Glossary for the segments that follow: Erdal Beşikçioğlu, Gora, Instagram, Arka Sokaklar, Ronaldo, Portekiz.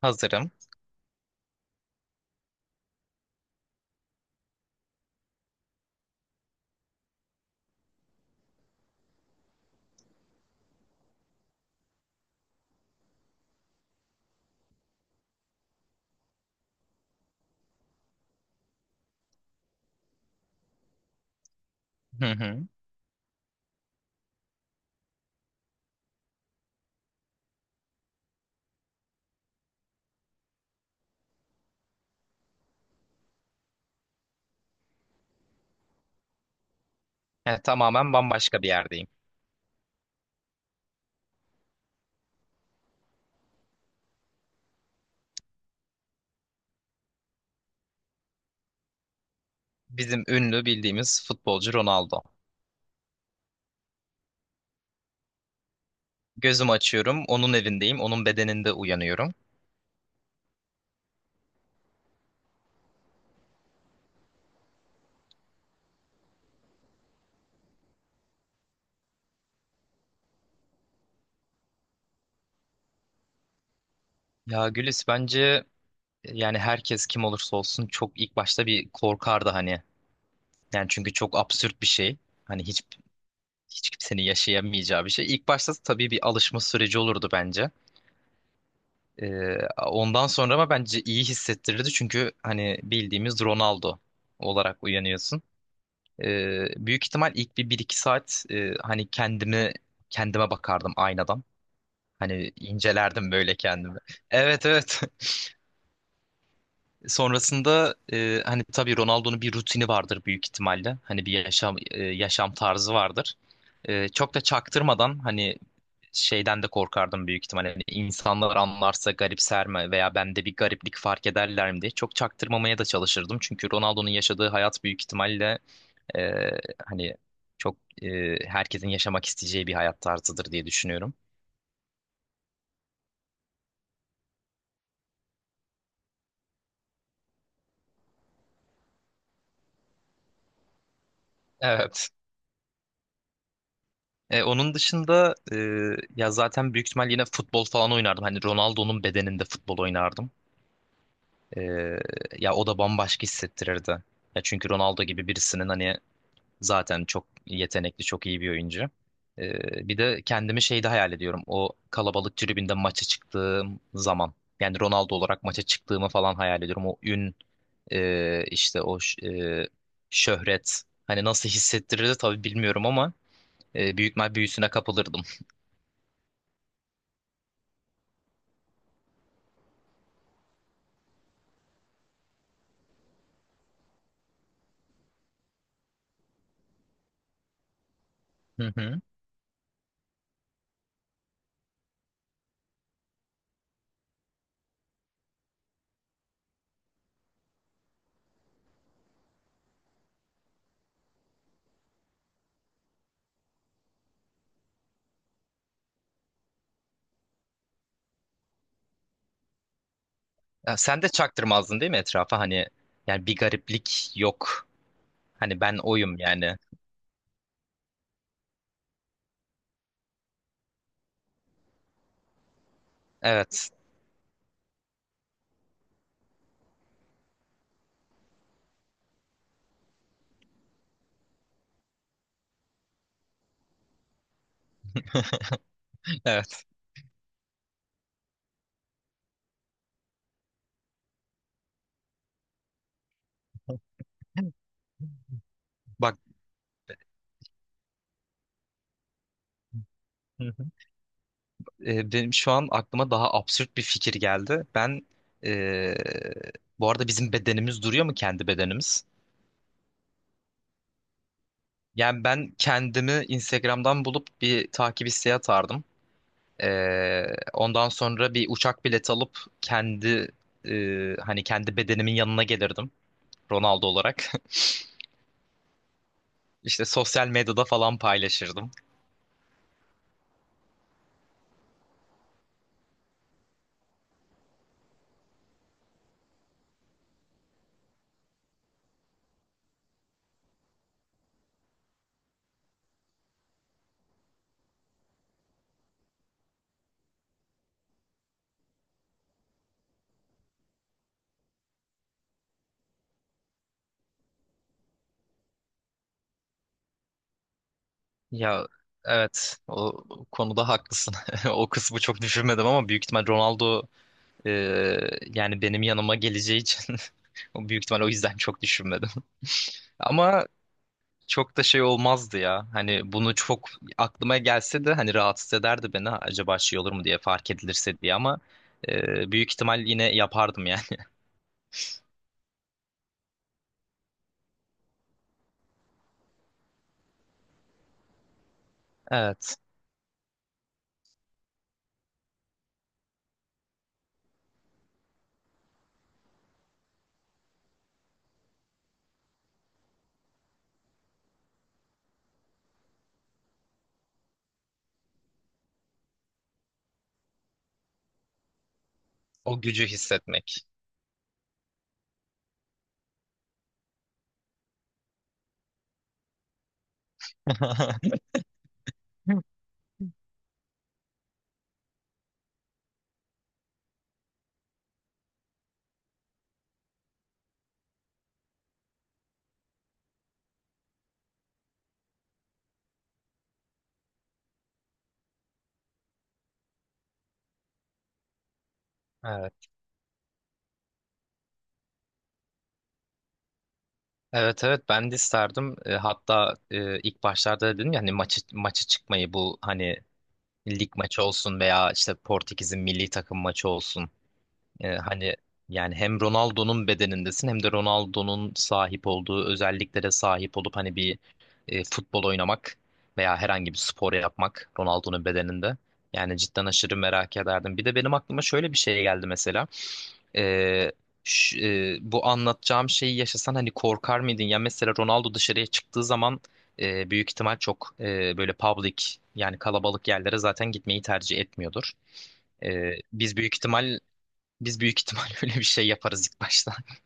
Hazırım. Hı hı. Yani tamamen bambaşka bir yerdeyim. Bizim ünlü bildiğimiz futbolcu Ronaldo. Gözümü açıyorum, onun evindeyim, onun bedeninde uyanıyorum. Ya Gülis, bence yani herkes kim olursa olsun çok ilk başta bir korkardı hani. Yani çünkü çok absürt bir şey. Hani hiç kimsenin yaşayamayacağı bir şey. İlk başta tabii bir alışma süreci olurdu bence. Ee, Ondan sonra ama bence iyi hissettirirdi, çünkü hani bildiğimiz Ronaldo olarak uyanıyorsun. Büyük ihtimal ilk bir iki saat hani kendimi kendime bakardım aynadan. Hani incelerdim böyle kendimi. Evet, evet. Sonrasında hani tabii Ronaldo'nun bir rutini vardır büyük ihtimalle. Hani bir yaşam yaşam tarzı vardır. E, çok da çaktırmadan hani şeyden de korkardım büyük ihtimalle. Hani insanlar anlarsa garipser mi veya bende bir gariplik fark ederler mi diye çok çaktırmamaya da çalışırdım. Çünkü Ronaldo'nun yaşadığı hayat büyük ihtimalle ee, hani çok e, herkesin yaşamak isteyeceği bir hayat tarzıdır diye düşünüyorum. Evet. E, onun dışında ya zaten büyük ihtimal yine futbol falan oynardım. Hani Ronaldo'nun bedeninde futbol oynardım. E, Ya o da bambaşka hissettirirdi. Ya çünkü Ronaldo gibi birisinin hani zaten çok yetenekli, çok iyi bir oyuncu. Bir de kendimi şeyde hayal ediyorum. O kalabalık tribünde maça çıktığım zaman. Yani Ronaldo olarak maça çıktığımı falan hayal ediyorum. O ün, işte şöhret. Hani nasıl hissettirirdi tabii bilmiyorum ama büyük mal büyüsüne kapılırdım. Hı hı. Ya sen de çaktırmazdın değil mi etrafa? Hani yani bir gariplik yok. Hani ben oyum yani. Evet. Evet. Bak. E, benim şu an aklıma daha absürt bir fikir geldi. Ben, e, bu arada bizim bedenimiz duruyor mu, kendi bedenimiz? Yani ben kendimi Instagram'dan bulup bir takip isteği atardım. E, Ondan sonra bir uçak bileti alıp kendi, hani kendi bedenimin yanına gelirdim Ronaldo olarak. İşte sosyal medyada falan paylaşırdım. Ya, evet, o konuda haklısın. O kısmı çok düşünmedim ama büyük ihtimal Ronaldo, Ee, yani benim yanıma geleceği için o büyük ihtimal o yüzden çok düşünmedim. Ama çok da şey olmazdı ya. Hani bunu çok aklıma gelse de hani rahatsız ederdi beni, acaba şey olur mu diye, fark edilirse diye, ama büyük ihtimal yine yapardım yani. Evet. O gücü hissetmek. Evet. Evet, evet, ben de isterdim. E, hatta ilk başlarda dedim ya hani maça çıkmayı, bu hani lig maçı olsun veya işte Portekiz'in milli takım maçı olsun. Hani yani hem Ronaldo'nun bedenindesin hem de Ronaldo'nun sahip olduğu özelliklere sahip olup hani bir, futbol oynamak veya herhangi bir spor yapmak Ronaldo'nun bedeninde. Yani cidden aşırı merak ederdim. Bir de benim aklıma şöyle bir şey geldi mesela. Ee, ş- Bu anlatacağım şeyi yaşasan hani korkar mıydın? Ya mesela Ronaldo dışarıya çıktığı zaman büyük ihtimal çok böyle public, yani kalabalık yerlere zaten gitmeyi tercih etmiyordur. Ee, biz büyük ihtimal biz büyük ihtimal öyle bir şey yaparız ilk başta.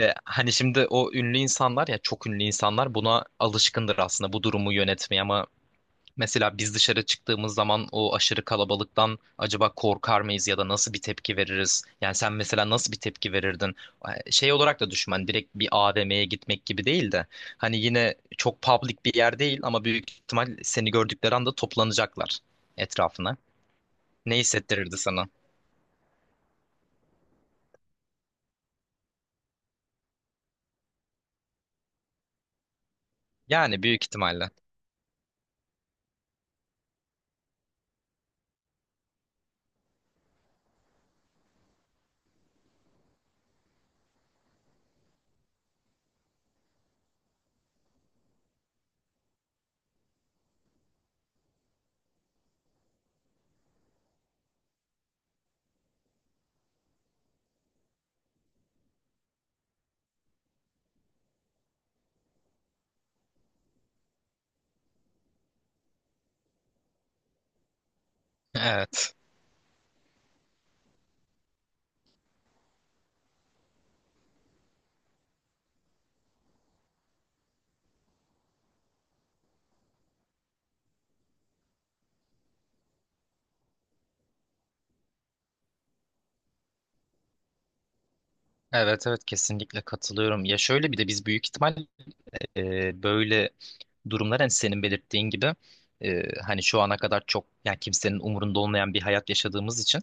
E, hani şimdi o ünlü insanlar, ya çok ünlü insanlar, buna alışkındır aslında, bu durumu yönetmeye, ama mesela biz dışarı çıktığımız zaman o aşırı kalabalıktan acaba korkar mıyız ya da nasıl bir tepki veririz? Yani sen mesela nasıl bir tepki verirdin? E, şey olarak da düşün, hani direkt bir AVM'ye gitmek gibi değil de hani yine çok public bir yer değil ama büyük ihtimal seni gördükleri anda toplanacaklar etrafına. Ne hissettirirdi sana? Yani büyük ihtimalle. Evet. Evet, evet, kesinlikle katılıyorum. Ya şöyle bir de biz büyük ihtimal böyle durumlar, hani senin belirttiğin gibi hani şu ana kadar çok, yani kimsenin umurunda olmayan bir hayat yaşadığımız için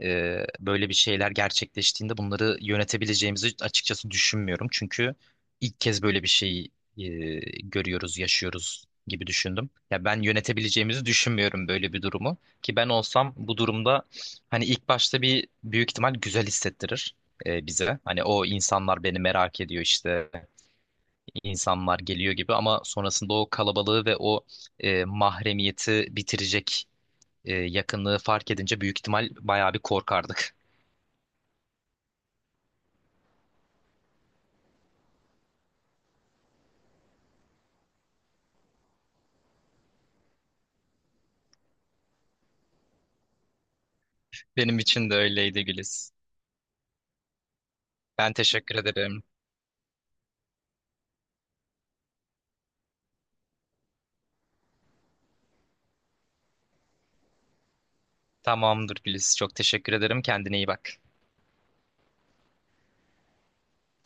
böyle bir şeyler gerçekleştiğinde bunları yönetebileceğimizi açıkçası düşünmüyorum. Çünkü ilk kez böyle bir şey e, görüyoruz, yaşıyoruz gibi düşündüm. Ya ben yönetebileceğimizi düşünmüyorum böyle bir durumu. Ki ben olsam bu durumda hani ilk başta bir büyük ihtimal güzel hissettirir bize. Hani o insanlar beni merak ediyor, işte insanlar geliyor gibi, ama sonrasında o kalabalığı ve o, mahremiyeti bitirecek yakınlığı fark edince büyük ihtimal bayağı bir korkardım. Benim için de öyleydi Güliz. Ben teşekkür ederim. Tamamdır Güliz. Çok teşekkür ederim. Kendine iyi bak.